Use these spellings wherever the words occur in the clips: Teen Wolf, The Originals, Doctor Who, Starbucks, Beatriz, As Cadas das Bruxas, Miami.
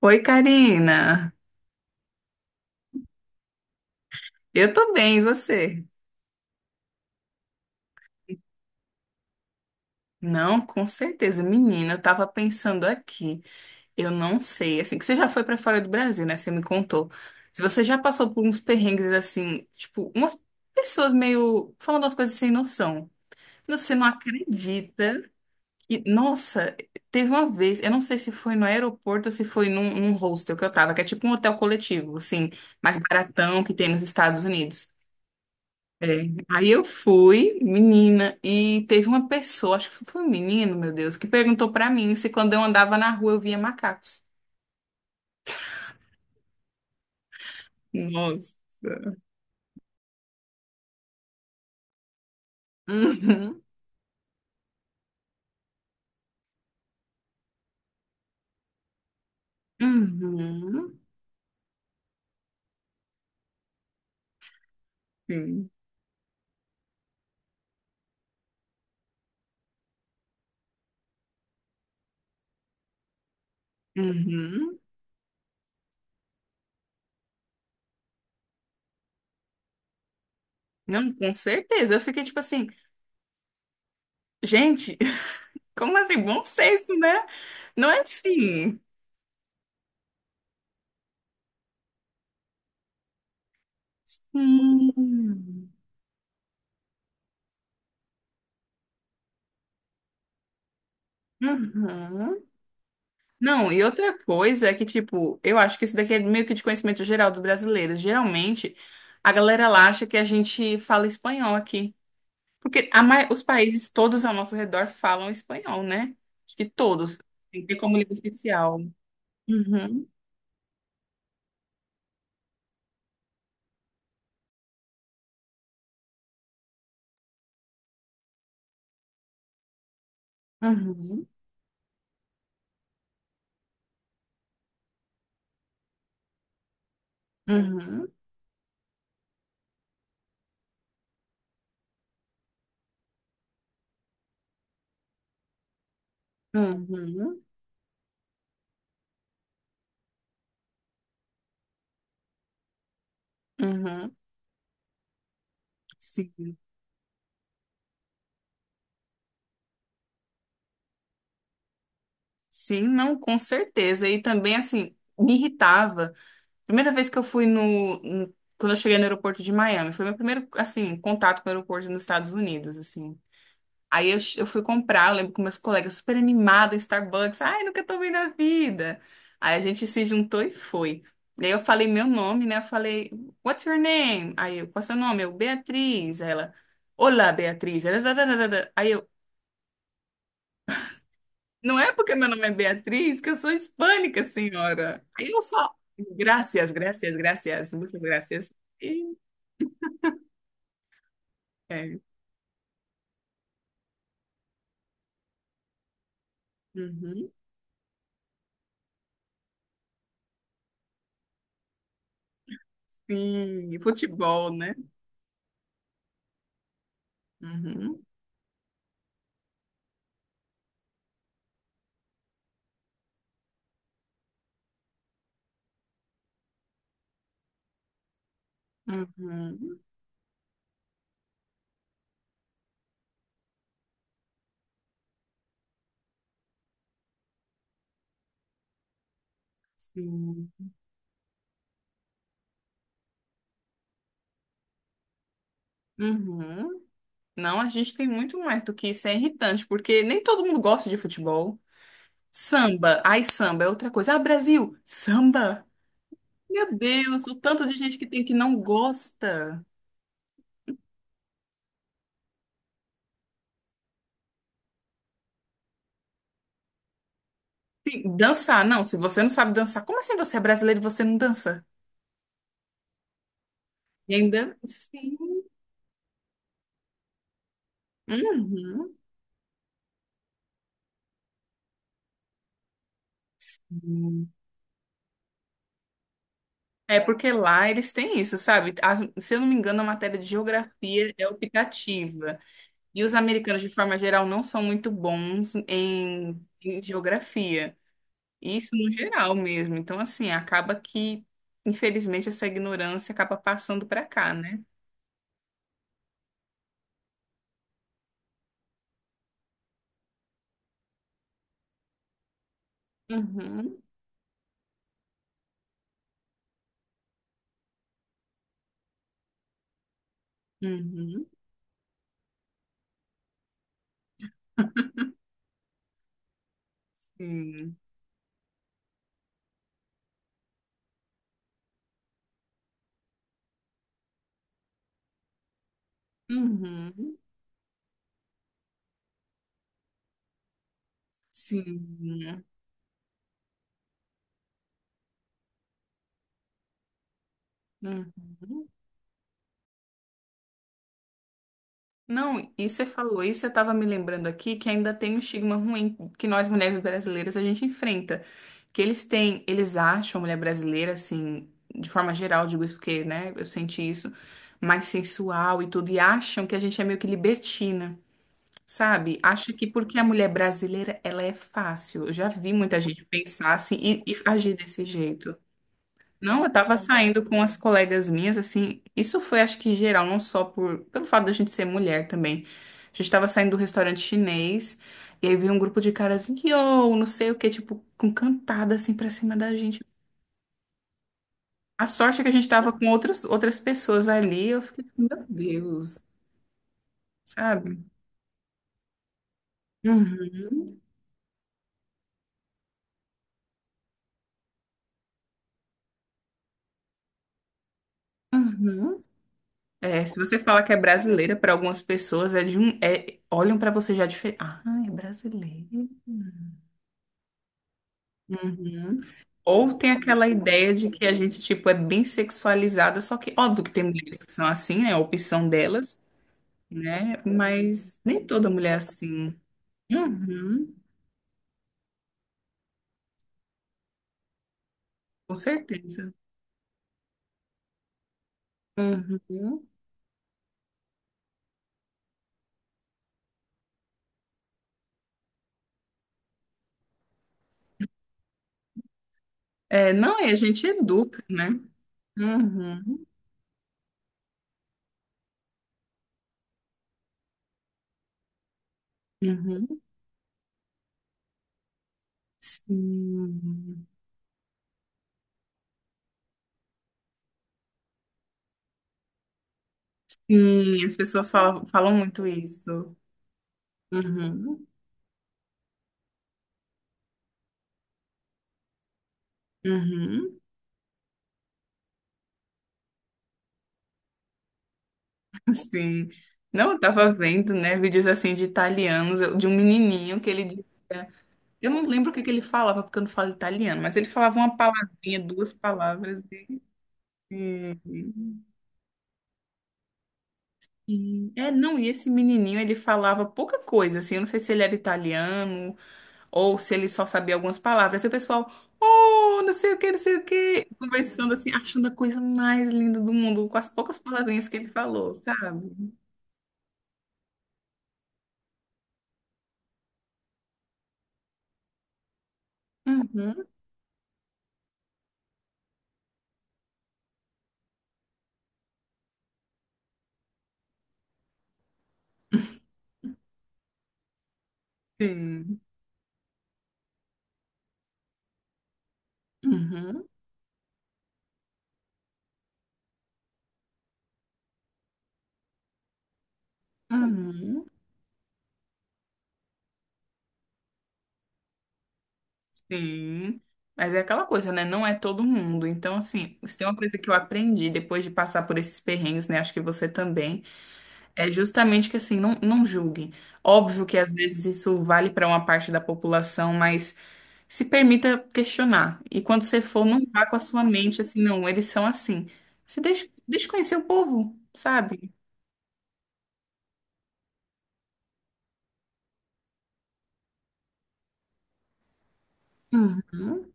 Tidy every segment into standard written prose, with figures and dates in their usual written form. Oi, Karina. Eu tô bem, e você? Não, com certeza. Menina, eu tava pensando aqui. Eu não sei, assim, que você já foi pra fora do Brasil, né? Você me contou. Se você já passou por uns perrengues assim, tipo, umas pessoas meio falando as coisas sem noção. Você não acredita que, nossa, teve uma vez, eu não sei se foi no aeroporto ou se foi num hostel que eu tava, que é tipo um hotel coletivo, assim, mais baratão que tem nos Estados Unidos. É, aí eu fui, menina, e teve uma pessoa, acho que foi um menino, meu Deus, que perguntou pra mim se quando eu andava na rua eu via macacos. Nossa. Uhum, uhum, sim. Uhum. Não, com certeza. Eu fiquei tipo assim, gente, como assim? Bom senso, né? Não é assim. Hum, uhum. Não, e outra coisa é que, tipo, eu acho que isso daqui é meio que de conhecimento geral dos brasileiros. Geralmente, a galera lá acha que a gente fala espanhol aqui. Porque os países todos ao nosso redor falam espanhol, né? Acho que todos. Tem que ter como língua oficial. Uhum, uhum, uhum, uhum, uhum. Sim, sim, não, com certeza. E também, assim, me irritava. Primeira vez que eu fui quando eu cheguei no aeroporto de Miami, foi meu primeiro, assim, contato com o aeroporto nos Estados Unidos, assim. Aí eu fui comprar, eu lembro que meus colegas super animados, Starbucks, ai, nunca tomei na vida. Aí a gente se juntou e foi. E aí eu falei meu nome, né? Eu falei, what's your name? Aí eu, qual é seu nome? Eu, Beatriz. Aí ela, olá, Beatriz. Aí eu, não é porque meu nome é Beatriz que eu sou hispânica, senhora. Aí eu só, graças, graças, graças, muitas graças. É. Uhum. Sim, futebol, né? Uhum. Uhum. Sim. Uhum. Não, a gente tem muito mais do que isso. É irritante, porque nem todo mundo gosta de futebol. Samba, ai, samba é outra coisa. Ah, Brasil, samba. Meu Deus, o tanto de gente que tem que não gosta. Sim, dançar, não. Se você não sabe dançar, como assim você é brasileiro e você não dança? E ainda? Sim. Uhum. Sim. É porque lá eles têm isso, sabe? Se eu não me engano, a matéria de geografia é optativa. E os americanos, de forma geral, não são muito bons em geografia. Isso no geral mesmo. Então, assim, acaba que, infelizmente, essa ignorância acaba passando para cá, né? Uhum, uhum, sim. Uhum, sim. Uhum. Não, e você falou isso, eu estava me lembrando aqui que ainda tem um estigma ruim que nós mulheres brasileiras a gente enfrenta. Que eles têm, eles acham a mulher brasileira, assim, de forma geral, digo isso porque, né, eu senti isso, mais sensual e tudo, e acham que a gente é meio que libertina, sabe? Acha que porque a mulher brasileira, ela é fácil. Eu já vi muita gente pensar assim e agir desse jeito. Não, eu tava saindo com as colegas minhas, assim, isso foi acho que geral, não só pelo fato da gente ser mulher também. A gente tava saindo do restaurante chinês, e aí veio um grupo de caras, yo, não sei o que, tipo, com cantada assim pra cima da gente. A sorte é que a gente tava com outras pessoas ali, eu fiquei, tipo, meu Deus, sabe? Uhum, uhum. É, se você fala que é brasileira, pra algumas pessoas é de um, é, olham pra você já diferente. Ah, é brasileira. Uhum. Ou tem aquela ideia de que a gente, tipo, é bem sexualizada, só que óbvio que tem mulheres que são assim, né? A opção delas, né? Mas nem toda mulher é assim. Uhum, com certeza. Uhum. É, não, e a gente educa, né? Uhum, uhum. Sim. Sim, as pessoas falam muito isso. Uhum, uhum. Sim. Não, eu tava vendo, né, vídeos assim de italianos, de um menininho que ele dizia. Eu não lembro o que que ele falava, porque eu não falo italiano, mas ele falava uma palavrinha, duas palavras. E, e- é, não, e esse menininho, ele falava pouca coisa, assim, eu não sei se ele era italiano ou se ele só sabia algumas palavras. E o pessoal, oh, não sei o que, não sei o que, conversando assim, achando a coisa mais linda do mundo, com as poucas palavrinhas que ele falou, sabe? Uhum, sim. Uhum, uhum. Sim, mas é aquela coisa, né? Não é todo mundo. Então, assim, se tem uma coisa que eu aprendi depois de passar por esses perrengues, né? Acho que você também, é justamente que, assim, não, não julguem. Óbvio que às vezes isso vale para uma parte da população, mas se permita questionar. E quando você for, não vá com a sua mente assim, não, eles são assim. Você deixa conhecer o povo, sabe? Uhum.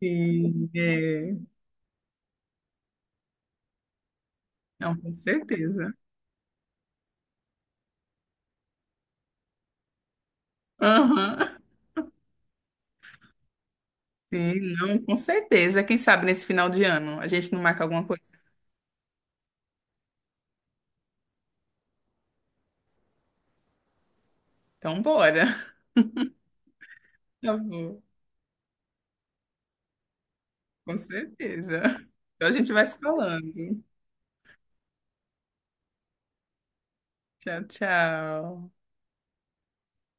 Sim, é. Não, com certeza. Aham. Sim, não, com certeza. Quem sabe nesse final de ano a gente não marca alguma coisa. Então, bora. Tá bom, com certeza. Então a gente vai se falando. Tchau, tchau.